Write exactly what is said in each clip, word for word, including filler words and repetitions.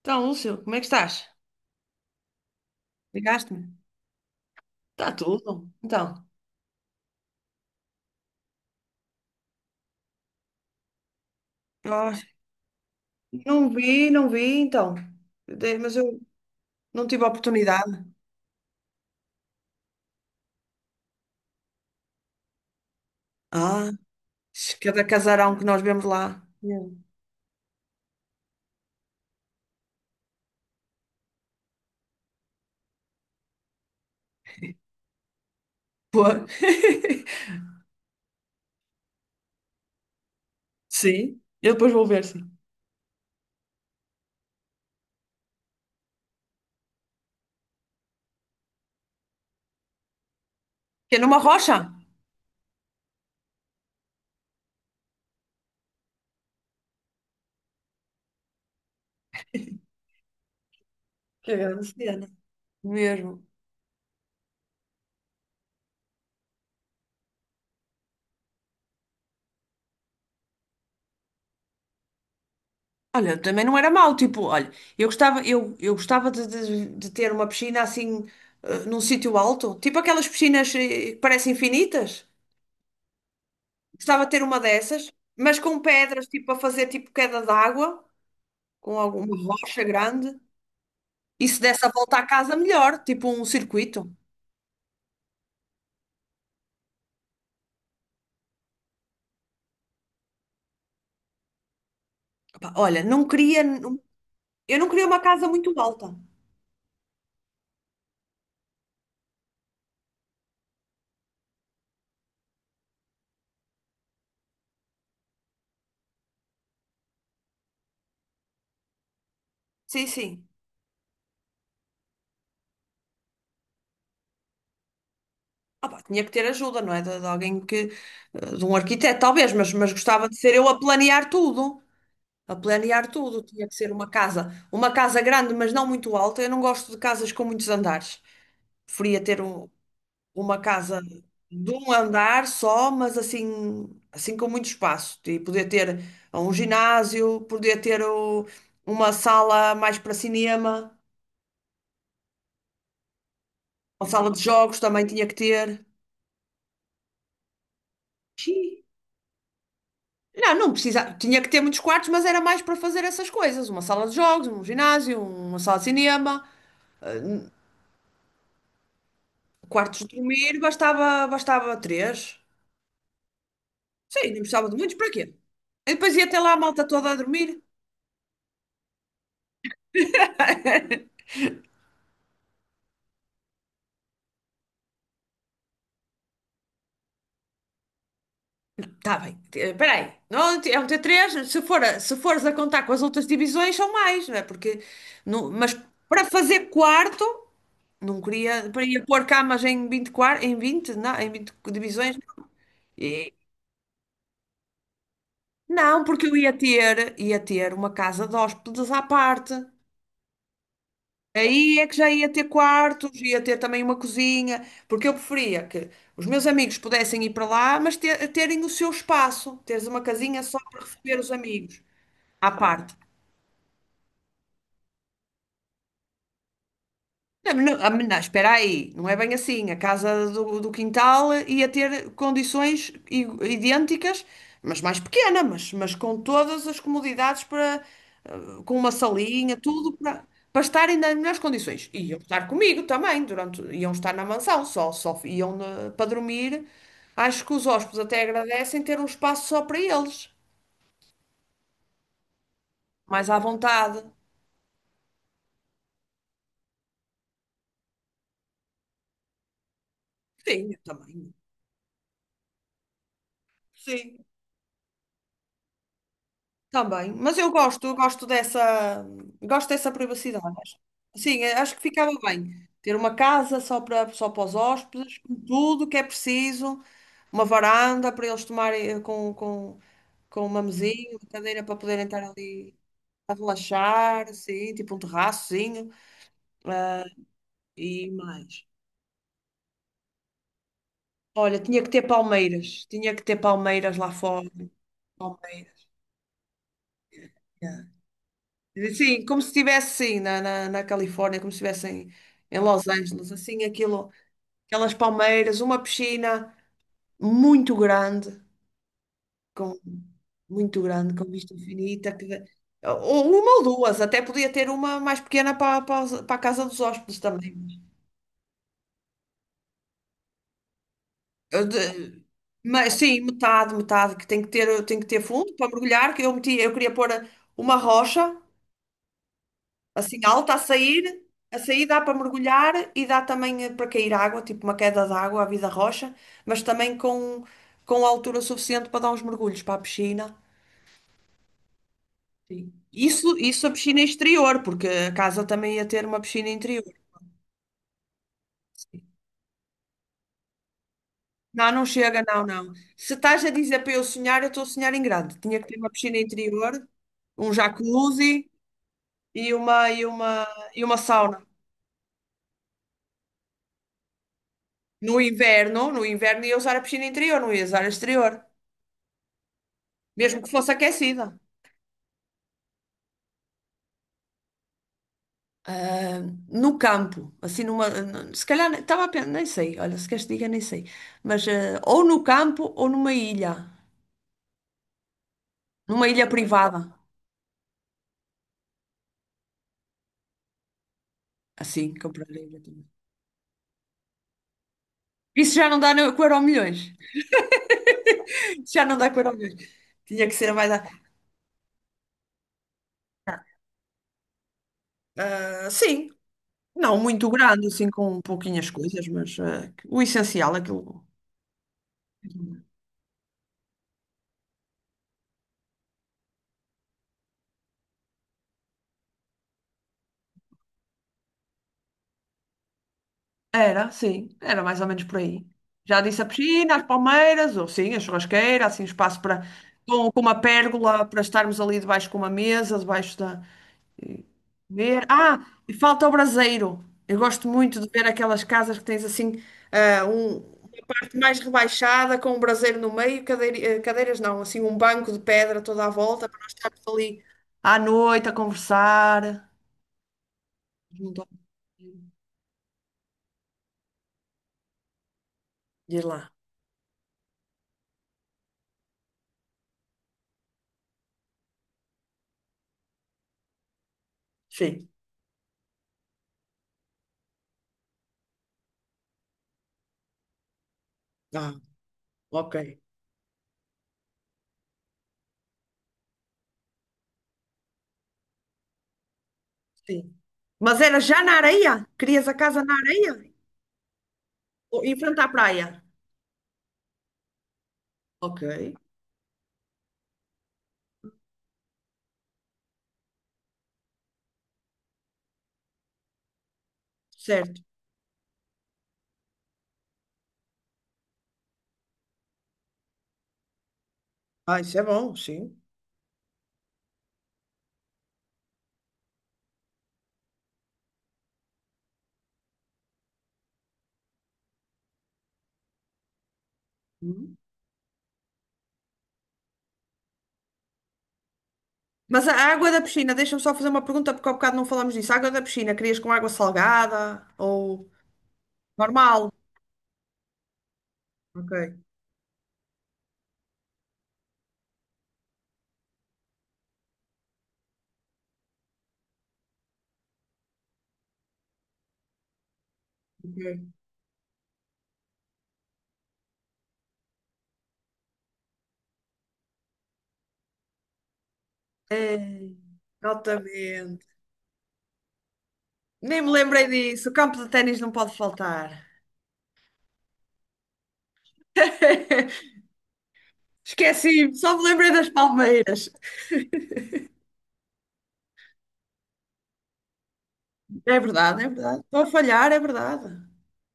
Então, Lúcio, como é que estás? Ligaste-me? Está tudo? Então. Ah, não vi, não vi, então. De- Mas eu não tive a oportunidade. ah, cada casarão que nós vemos lá. Não. Pô. Sim, eu depois vou ver, sim. Que é numa rocha? Que grande cena. Mesmo. Olha, também não era mau, tipo, olha, eu gostava, eu, eu gostava de, de- de ter uma piscina assim, eh, num sítio alto, tipo aquelas piscinas eh, que parecem infinitas. Gostava de ter uma dessas, mas com pedras, tipo, a fazer tipo queda d'água, com alguma rocha grande. E se desse a volta à casa, melhor, tipo um circuito. Opa, olha, não queria. não- Eu não queria uma casa muito alta. Sim, sim. Opa, tinha que ter ajuda, não é? De, de alguém que. eh, De um arquiteto, talvez, mas, mas gostava de ser eu a planear tudo. A planear tudo. Tinha que ser uma casa. Uma casa grande, mas não muito alta. Eu não gosto de casas com muitos andares. Preferia ter um. uma casa de um andar só, mas assim, assim com muito espaço. E poder ter um ginásio, poder ter o- uma sala mais para cinema, uma sala de jogos também tinha que ter. Xiii. Não, não precisa, tinha que ter muitos quartos, mas era mais para fazer essas coisas, uma sala de jogos, um ginásio, uma sala de cinema. Eh, Quartos de dormir, bastava, bastava três. Sim, não precisava de muitos, para quê? E depois ia ter lá a malta toda a dormir. Tá bem, eh, espera. Não, é um T três se for a- se fores a contar com as outras divisões, são mais, não é? Porque, não, mas para fazer quarto, não queria, para ir pôr camas em vinte quar- em vinte não, em vinte divisões. E- não, porque eu ia ter, ia ter uma casa de hóspedes à parte. Aí é que já ia ter quartos, ia ter também uma cozinha, porque eu preferia que os meus amigos pudessem ir para lá, mas ter- terem o seu espaço, teres uma casinha só para receber os amigos à parte. Não, mas não, ah, mas não, espera aí, não é bem assim. A casa do, do quintal ia ter condições i- idênticas, mas mais pequena, mas, mas com todas as comodidades para, ah, com uma salinha, tudo para, para, estarem nas melhores condições. E iam estar comigo também, durante, iam estar na mansão, só, só iam na- para dormir. Acho que os hóspedes até agradecem ter um espaço só para eles, mais à vontade. Sim, eu também. Sim. Também, mas eu gosto, eu gosto dessa, gosto dessa privacidade. Acho. Sim, eh, acho que ficava bem ter uma casa só para só para os hóspedes, com tudo o que é preciso, uma varanda para eles tomarem eh, com, com, com uma mesinha, uma cadeira para poderem estar ali a relaxar, assim, tipo um terraçozinho. ah, e mais. Olha, tinha que ter palmeiras, tinha que ter palmeiras lá fora, palmeiras. Yeah. Sim, como se estivesse sim, na, na, na Califórnia, como se estivesse em, em Los Angeles, assim, aquilo, aquelas palmeiras, uma piscina muito grande, com, muito grande, com vista infinita, que, dá- ou uma ou duas, até podia ter uma mais pequena para, para, os- para a casa dos hóspedes também. Eu de- Mas sim, metade, metade, que tem que ter, tem que ter fundo para mergulhar, que eu meti, eu queria pôr uma rocha. Assim, alta a sair, a sair dá para mergulhar e dá também eh, para cair água, tipo uma queda de água, à vida rocha, mas também com, com altura suficiente para dar uns mergulhos para a piscina. Sim. Isso, isso a piscina exterior, porque a casa também ia ter uma piscina interior. Sim. Não, não chega, não, não. Se estás a dizer para eu sonhar, eu estou a sonhar em grande. Tinha que ter uma piscina interior, um jacuzzi e uma, e uma, e uma sauna. No inverno, no inverno ia usar a piscina interior, não ia usar a exterior, mesmo que fosse aquecida. ah, no campo, assim numa, se calhar estava a pensar, nem sei, olha, se queres que diga, nem sei, mas ah, ou no campo ou numa ilha, numa ilha privada, assim, comprar a ilha também. Isso já não dá no- com o Euromilhões, já não dá com o Euromilhões. Tinha que ser mais, a- ah, sim, não muito grande, assim, com pouquinhas coisas, mas ah, o essencial, aquilo. Era, sim, era mais ou menos por aí. Já disse a piscina, as palmeiras, ou sim, a churrasqueira, assim, espaço para com, com uma pérgola para estarmos ali debaixo com uma mesa, debaixo da ver. Ah, e falta o braseiro. Eu gosto muito de ver aquelas casas que tens assim, ah, um parte mais rebaixada, com um braseiro no meio, cadeira- eh, cadeiras não, assim, um banco de pedra toda à volta para nós estarmos ali à noite a conversar. Junto ao- Diz lá. Sim. Ah, ok. Sim. Mas era já na areia? Querias a casa na areia? Ou Em frente à praia? Ok, certo. Ah, isso é bom, sim. Hum. Mas a a água da piscina, deixa-me só fazer uma pergunta, porque há bocado não falámos disso. A água da piscina, querias com água salgada ou normal? Ok, ok. Ei, altamente. Nem me lembrei disso. O campo de ténis não pode faltar. Esqueci-me, só me lembrei das palmeiras. É verdade, é verdade. Estou a falhar, é verdade.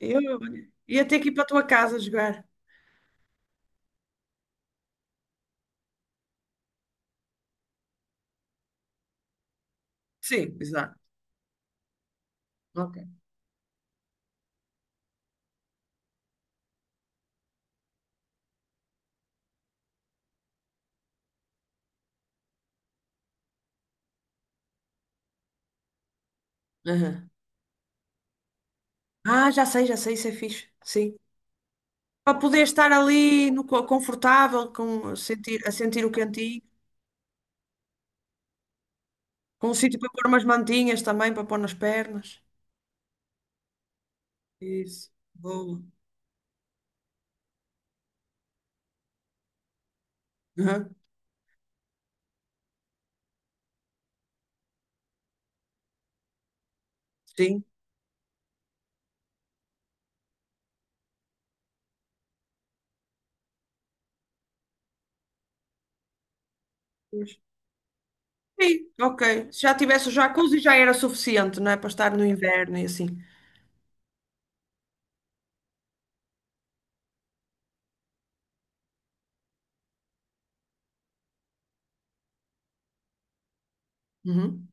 Eu, eu ia ter que ir para a tua casa jogar. Sim, exato. Ok. Aham. Ah, já sei, já sei, isso é fixe. Sim. Para poder estar ali no, co- confortável, com, sentir, a sentir o cantinho, com um sítio para pôr umas mantinhas também, para pôr nas pernas. Isso. Boa. Aham. Sim. Pois. Sim, ok. Se já tivesse o jacuzzi já era suficiente, não é? Para estar no inverno e assim. Uhum.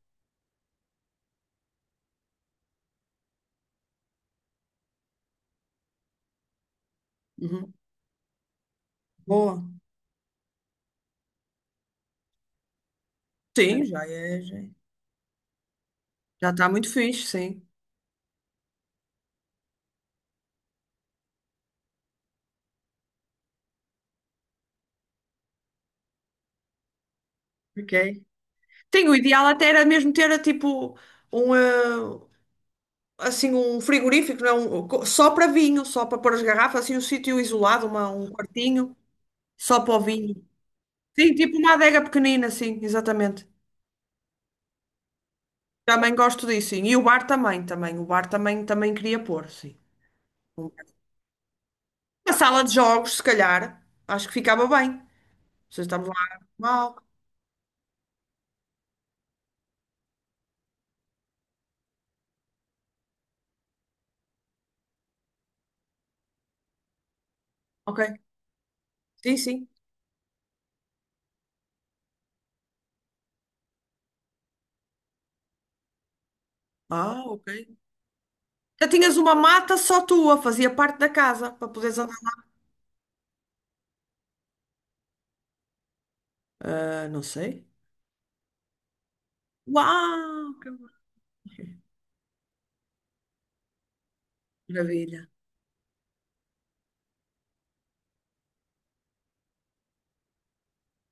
Uhum. Boa. Sim, já é, já é. Já está muito fixe, sim. Ok. Tem, o ideal até era mesmo ter tipo um eh, assim um frigorífico, não, é? um co- só para vinho, só para pôr as garrafas, assim um sítio isolado, uma- um quartinho, só para o vinho. Sim, tipo uma adega pequenina, sim, exatamente. Também gosto disso, sim. E o bar também, também. O bar também, também queria pôr, sim. Um bar. Uma sala de jogos, se calhar, acho que ficava bem. Vocês estamos lá. Mal. Ok. Sim, sim. Ah, ok. Já tinhas uma mata só tua, fazia parte da casa, para poderes andar. Ah, não sei. Uau, que maravilha.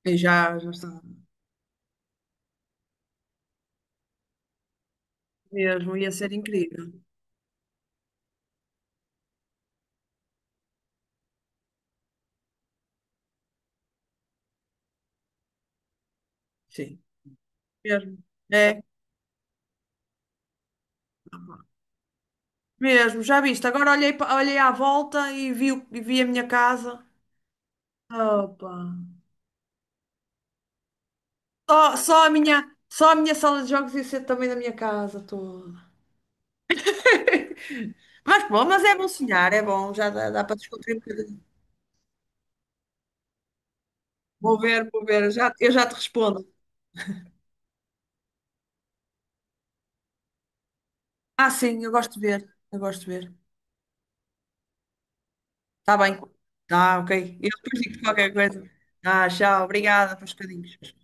Eu já, já estava. Mesmo, ia ser incrível. Sim, mesmo. É, mesmo, já viste. Agora olhei, pa- olhei à volta e vi, o- e vi a minha casa. Opa. Só, só a minha, só a minha sala de jogos ia ser também da minha casa toda. Mas bom, mas é bom sonhar, é bom, já dá, dá para descontrair um bocadinho. Vou ver, vou ver, já, eu já te respondo. Ah, sim, eu gosto de ver, eu gosto de ver. tá bem. tá ok. Eu depois digo qualquer coisa. Ah, tchau. Obrigada pelos bocadinhos.